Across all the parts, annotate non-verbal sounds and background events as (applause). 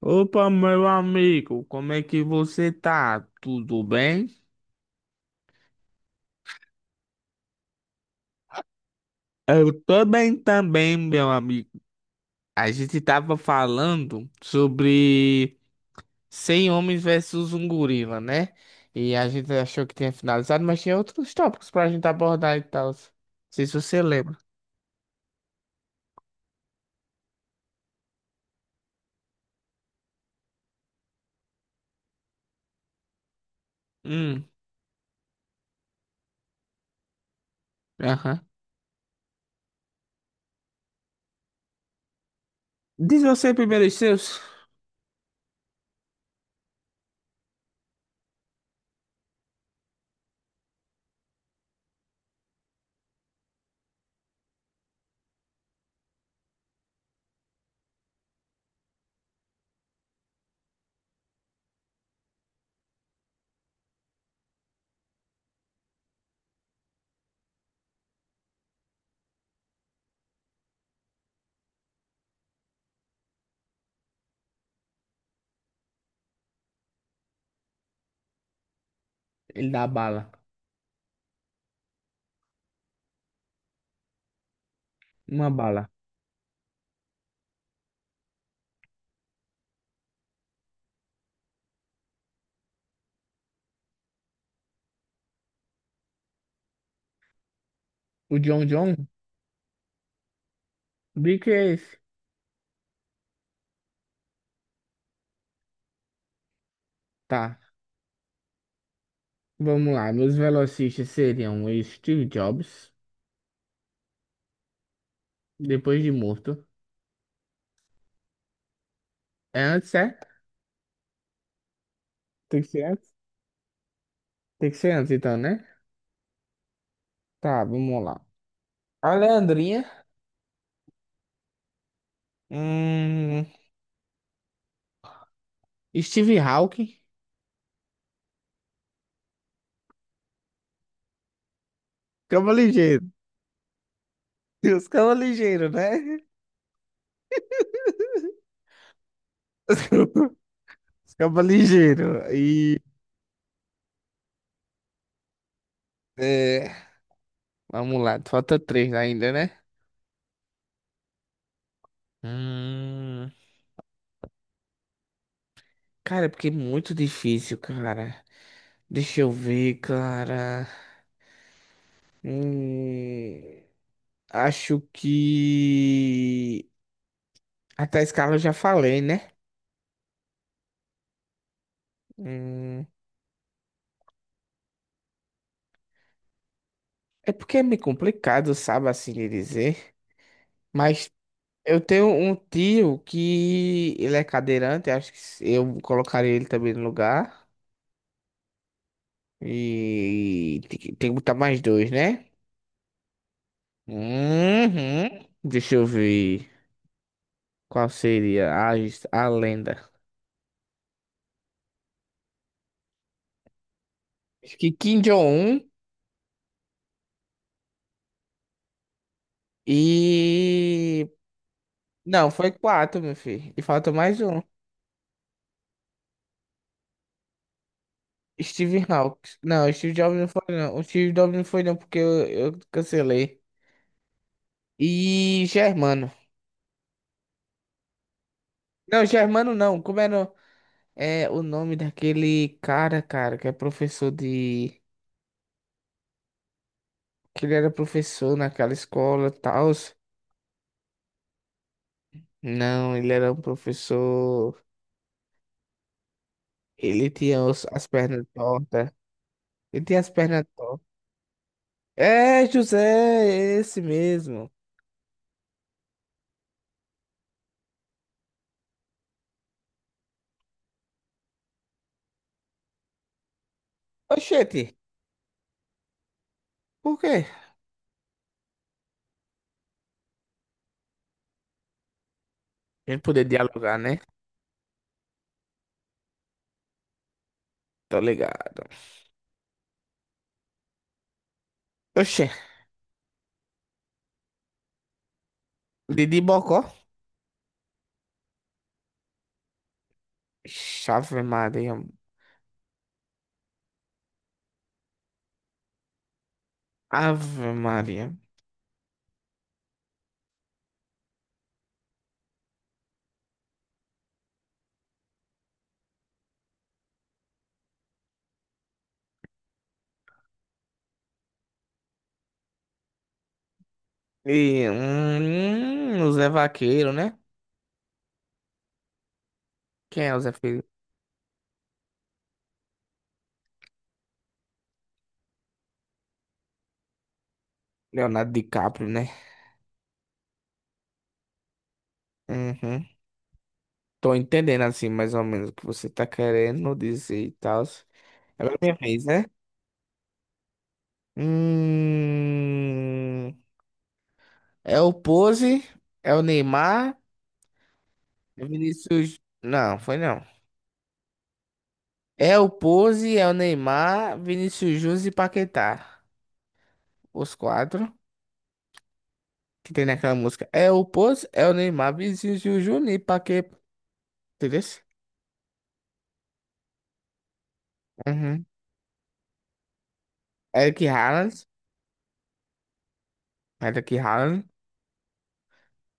Opa, meu amigo, como é que você tá? Tudo bem? Eu tô bem também, meu amigo. A gente tava falando sobre 100 homens versus um gorila, né? E a gente achou que tinha finalizado, mas tinha outros tópicos pra gente abordar e tal. Não sei se você lembra. Hum, aham. Diz você primeiro os seus. Ele dá bala. Uma bala. O John John? Bico é esse? Tá, vamos lá. Meus velocistas seriam o Steve Jobs. Depois de morto. É antes, é? Tem que ser antes. Tem que ser antes, então, né? Tá, vamos lá. A Leandrinha. Hum, Steve Hawking. Cama ligeiro. E os cama ligeiro, né? (laughs) Os cama ligeiro. E. É, vamos lá, falta três ainda, né? Hum, cara, é porque é muito difícil, cara. Deixa eu ver, cara. Hum, acho que. Até a escala eu já falei, né? Hum. É porque é meio complicado, sabe, assim de dizer. Mas eu tenho um tio que ele é cadeirante, acho que eu colocaria ele também no lugar. E tem que botar mais dois, né? Uhum. Deixa eu ver qual seria a, a lenda. Acho que Kim Jong-un e. Não, foi quatro, meu filho. E falta mais um. Steve Hawkes. Não, o Steve Jobs não foi, não. O Steve Jobs não foi, não, porque eu cancelei. E Germano. Não, Germano não. Como era é, o nome daquele cara, cara, que é professor de. Que ele era professor naquela escola e tal. Não, ele era um professor. Ele tinha as pernas tortas. Ele tinha as pernas tortas. É, José, é esse mesmo. Oxente, por quê? A gente poder dialogar, né? Tô ligado. Oxê, Didi Bocó. Ixi, Ave Maria. Ave Maria. E o Zé Vaqueiro, né? Quem é o Leonardo DiCaprio, né? Uhum. Tô entendendo assim, mais ou menos, o que você tá querendo dizer e tal. Agora é minha vez, né? Hum, é o Pose, é o Neymar, é Vinícius. Não, foi não. É o Pose, é o Neymar, Vinícius Júnior e Paquetá. Os quatro que tem naquela música. É o Pose, é o Neymar, Vinícius Júnior e Paquetá. Entendeu? Uhum. Eric Haaland, Eric Haaland,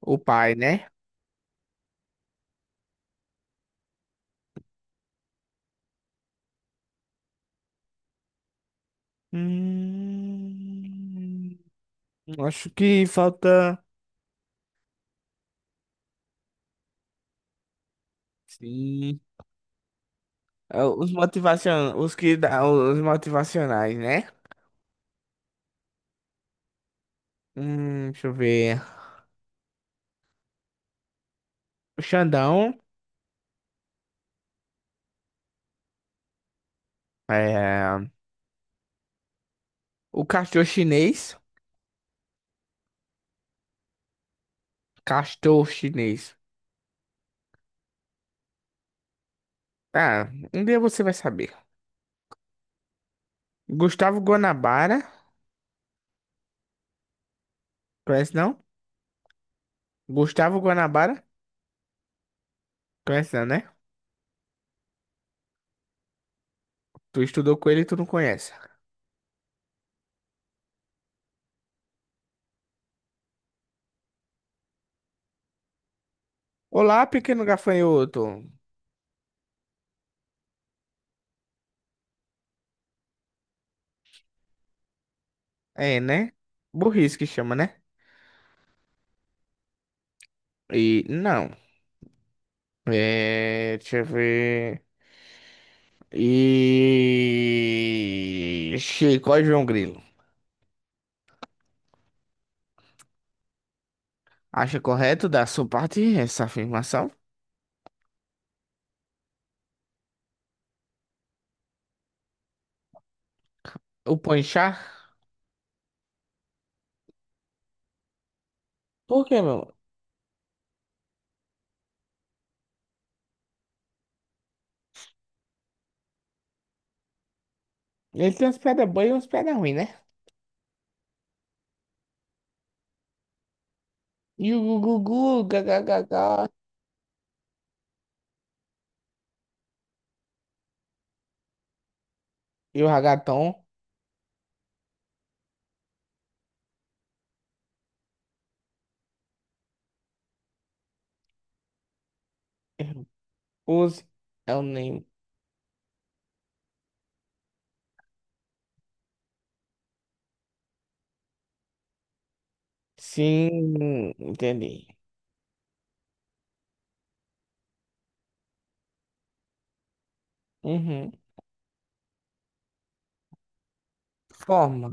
o pai, né? Hum, acho que falta, sim, é, os motivacion, os que dá, os motivacionais, né? Deixa eu ver. O Xandão, é, o castor chinês, castor chinês. Ah, um dia você vai saber. Gustavo Guanabara, conhece não? Gustavo Guanabara, conhece não, né? Tu estudou com ele e tu não conhece. Olá, pequeno gafanhoto. É, né? Burrice que chama, né? E não. É, deixa eu ver. E Chico é João Grilo. Acha correto da sua parte essa afirmação? O Ponchar? Por quê, meu? Ele tem umas pedras boas e umas pedras ruins, né? E o Gugugu, gagagagá. E o Ragaton? Use. É o name. Sim, entendi. Uhum. Forma.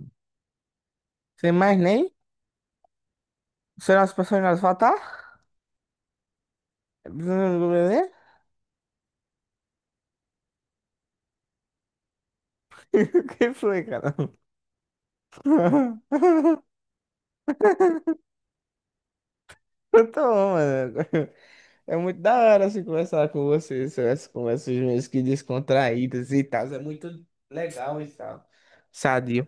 Sem mais nem? Será as pessoas nós votar? Hum, hum, hum, hum. (laughs) O que foi, cara? (laughs) Eu tô bom, mano. É muito da hora assim conversar com vocês, essas conversas mesmo que descontraídas e tal. É muito legal e tal. Sadio.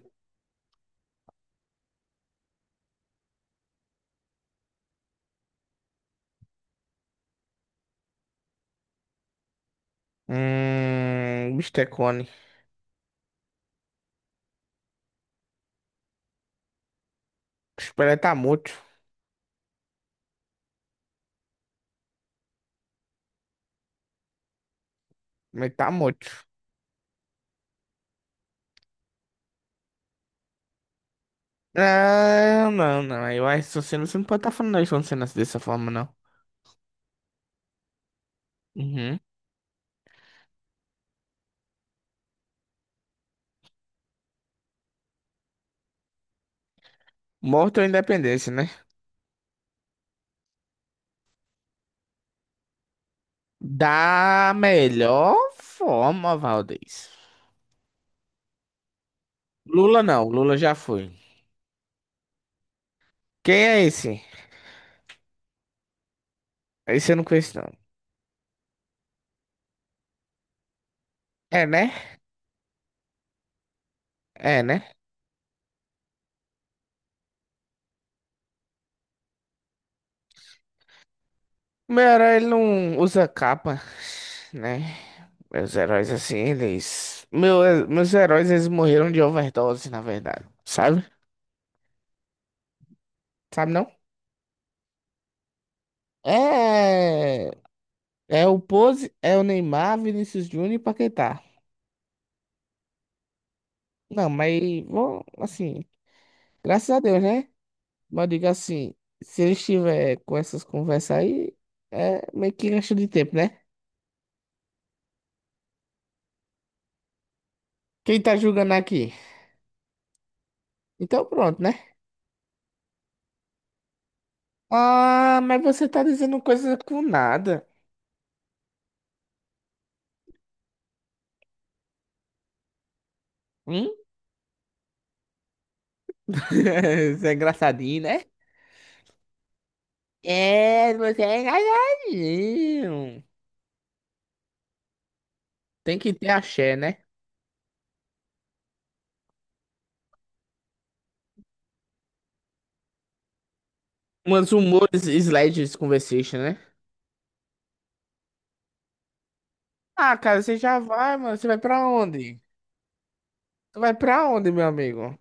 Bistecone. Espera, tá morto? Mas tá morto? Não, não, não. Eu acho que você não pode estar falando isso quando você nasce dessa forma, não. Uhum. Morto ou independência, né? Da melhor forma, Valdez. Lula não, Lula já foi. Quem é esse? Esse eu não conheço, não. É, né? É, né? Meu herói, ele não usa capa, né? Meus heróis, assim, eles... Meus heróis, eles morreram de overdose, na verdade. Sabe? Sabe, não? É... É o Pose, é o Neymar, Vinícius Júnior e Paquetá. Não, mas, bom, assim, graças a Deus, né? Mas eu digo assim, se ele estiver com essas conversas aí, é meio que gasto de tempo, né? Quem tá julgando aqui? Então pronto, né? Ah, mas você tá dizendo coisa com nada. Hum? (laughs) Você é engraçadinho, né? É, você é engraçadinho. Tem que ter axé, né? Umas humores sledges conversation, né? Ah, cara, você já vai, mano. Você vai pra onde? Tu vai pra onde, meu amigo?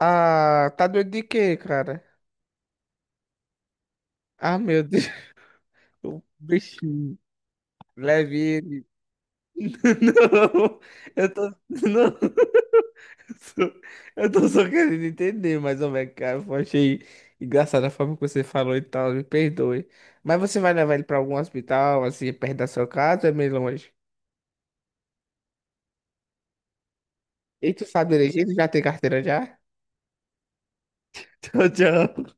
Ah, tá doido de quê, cara? Ah, meu Deus. (laughs) O bichinho. Leve ele. (laughs) Não, eu tô. (laughs) Não. só- Eu tô só querendo entender, mas, ô, velho, cara, eu achei engraçada a forma que você falou e tal, me perdoe. Mas você vai levar ele pra algum hospital, assim, perto da sua casa, ou é meio longe? E tu sabe dirigir, tu já tem carteira já? (laughs) Tchau, tchau.